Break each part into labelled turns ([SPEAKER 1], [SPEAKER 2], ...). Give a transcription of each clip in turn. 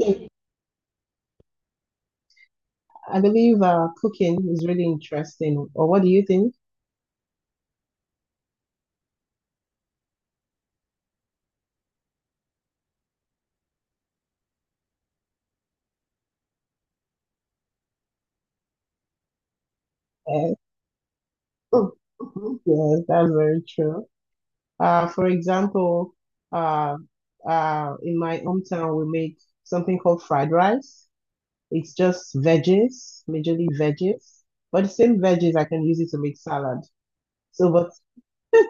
[SPEAKER 1] Mm. I believe cooking is really interesting. Or what do you think? Uh, Mm, mhm. Yes, that's very true. For example, uh, in my hometown, we make something called fried rice. It's just veggies, majorly veggies, but the same veggies I can use it to make salad. So, but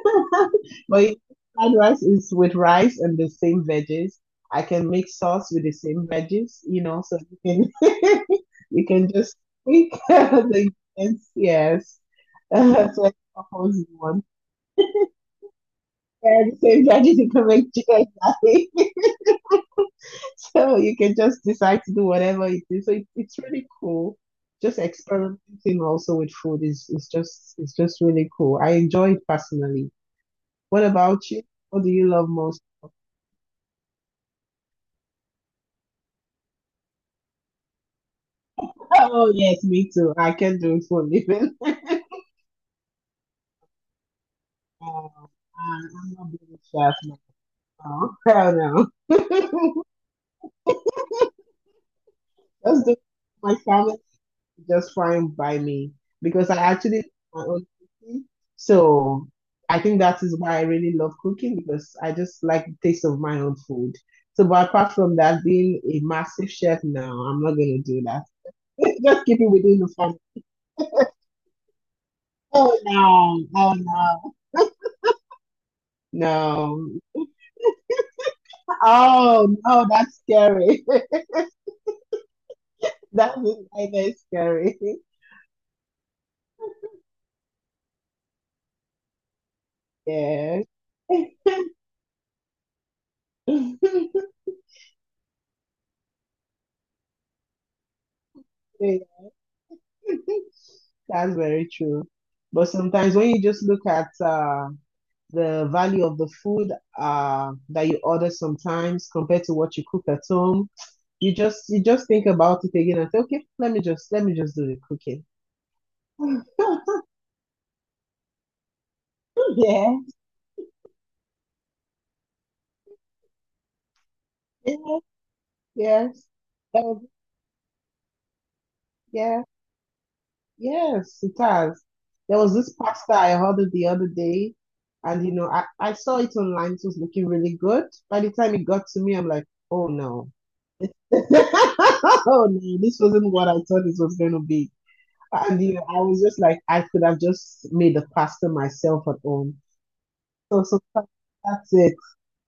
[SPEAKER 1] but fried rice is with rice and the same veggies. I can make sauce with the same veggies, so you can you can just pick the ingredients. Yes, that's what I propose you one. Yeah, the same veggies you can make chicken curry. So you can just decide to do whatever it is. So it's really cool. Just experimenting also with food is just really cool. I enjoy it personally. What about you? What do you love most? Oh yes, me too. I can do it for a living. I'm not being a chef now. Oh, hell no. Just do my family just fine by me because I actually do my own cooking. So I think that is why I really love cooking because I just like the taste of my own food. So, but apart from that, being a massive chef, no, I'm not gonna do that. Just keep it within the family. Oh no, oh no, no. Oh no, that's scary. That was why they scary. Yeah. Yeah. That's very true. But sometimes when you just look at the value of the food that you order sometimes compared to what you cook at home, you just think about it again and say, okay, let me just do the cooking. Yeah, yeah, yes. Um, yeah. Yes, it has. There was this pasta I ordered the other day, and you know, I saw it online, it was looking really good. By the time it got to me, I'm like, oh no. Oh no, this wasn't what I thought it was going to be. And you know, I was just like, I could have just made the pasta myself at home. So that's it.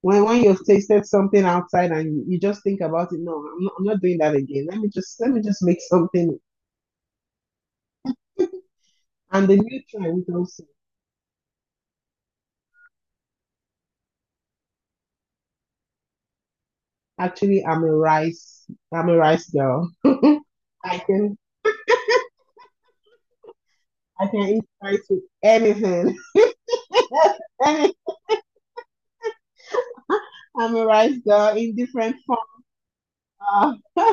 [SPEAKER 1] When you've tasted something outside and you just think about it, no, I'm not doing that again. Let me just make something. And the new try. We can actually, I'm a rice. I'm a rice girl. I can I can eat rice with anything. I'm a rice girl in different form.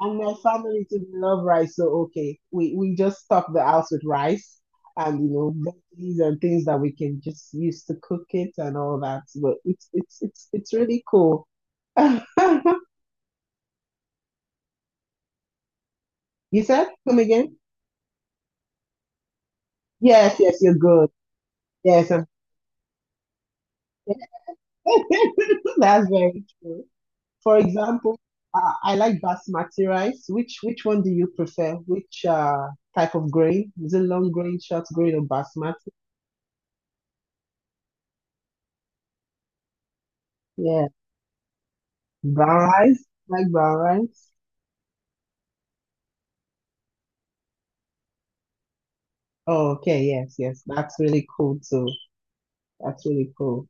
[SPEAKER 1] And my family too love rice, so okay, we just stock the house with rice and you know veggies and things that we can just use to cook it and all that. But it's really cool. You said come again? Yes, yes, you're good. Yes, I'm- that's very true. For example, I like basmati rice. Which one do you prefer? Which type of grain? Is it long grain, short grain, or basmati? Yeah, brown rice. Like brown rice. Oh, okay. Yes, yes. That's really cool too. That's really cool.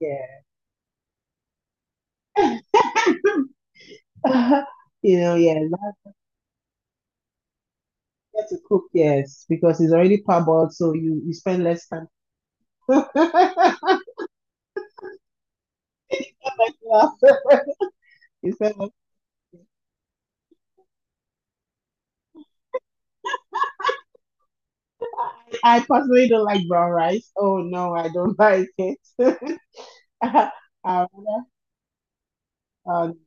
[SPEAKER 1] Yeah. You know, yeah, easier to cook, yes, because it's already parboiled, so you spend less time. Yeah. You spend less- I personally don't like brown rice. Oh no, I don't like it. I, um,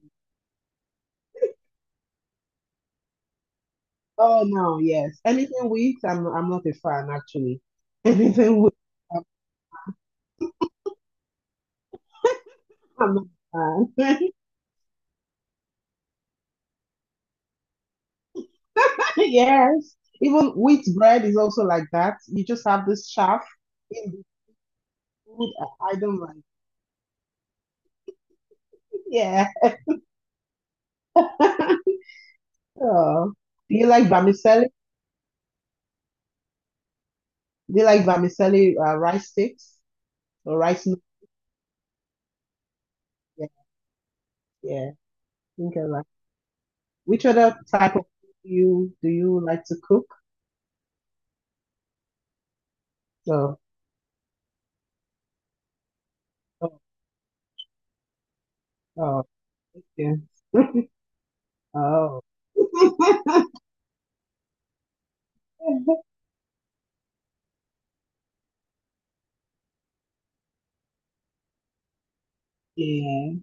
[SPEAKER 1] oh no, yes. Anything weak, I'm not a fan actually. Anything weak, I'm not a fan. Yes. Even wheat bread is also like that. You just have this chaff in the food. I don't like it. Yeah. Oh. Do you like vermicelli? Do you like vermicelli rice sticks or rice noodles? Yeah, yeah. I think I like. Which other type of food do you like to cook? Oh, oh, oh, okay. Oh. Yeah,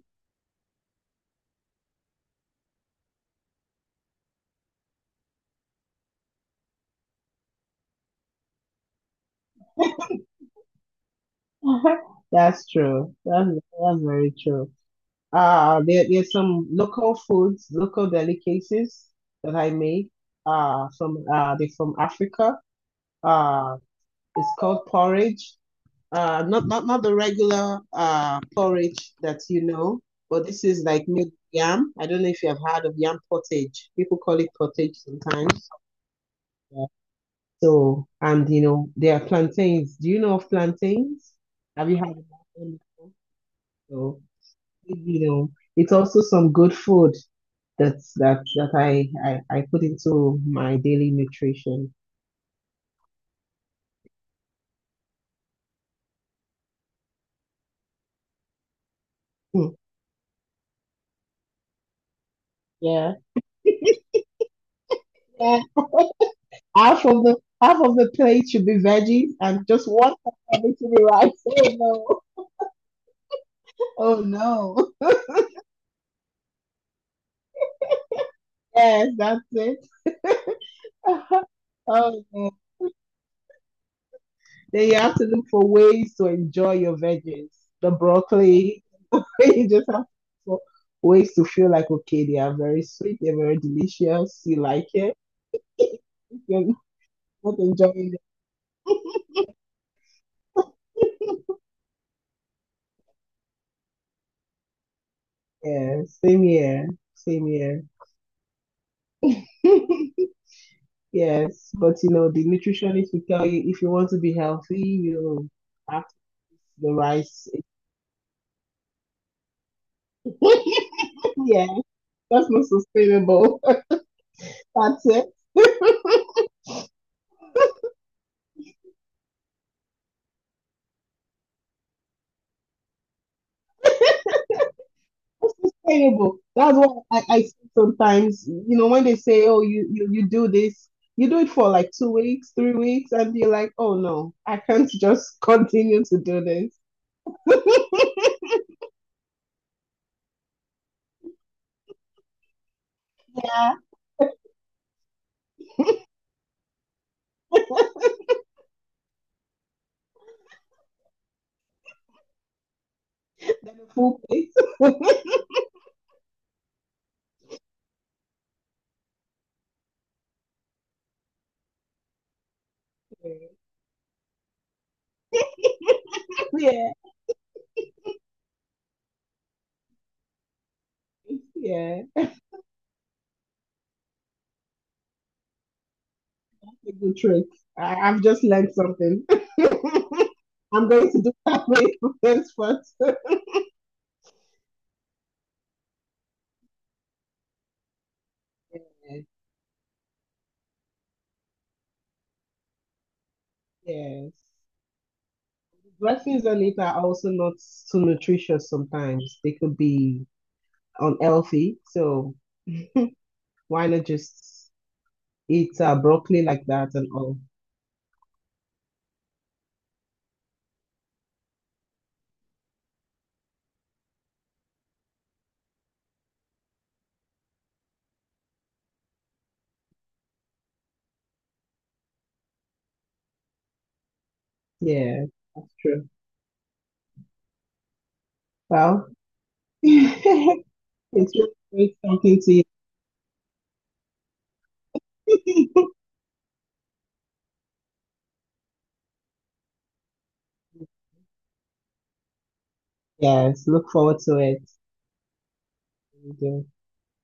[SPEAKER 1] that's true. That's very true. There's some local foods, local delicacies that I make. From they're from Africa. Uh, it's called porridge. Not the regular porridge that you know, but this is like made with yam. I don't know if you have heard of yam pottage. People call it pottage sometimes. Yeah. So, and you know, there are plantains. Do you know of plantains? Have you had them? So, you know, it's also some good food that I put into my daily nutrition. Hmm, yeah. Yeah. Half of the half of the plate should be veggies and just one half of it should be rice. Oh no. Oh no. Yes, that's it. Oh no. Then you have to look for ways to enjoy your veggies. The broccoli, you just have for ways to feel like okay, they are very sweet, they're very delicious, you like it. If you're not enjoying it. Yeah, same here, same here. Yes, but you know, the nutritionist will tell you if you want to be healthy, you have to eat the rice. Yeah, that's not sustainable. That's it. Terrible. That's what I see sometimes. You know, when they say, "Oh, you do this," you do it for like 2 weeks, 3 weeks, and you're like, "Oh no, I can't just continue to do this." Yeah. Then a full plate. Yeah, yeah, that's a good trick. I've just learned something. I'm going to do that way for this first. Yes, yes. Dressings on it are also not so nutritious sometimes. They could be unhealthy. So why not just eat broccoli like that and all? Yeah, that's true. Well, it's really great talking to you. Yes, look forward to it. Thank you.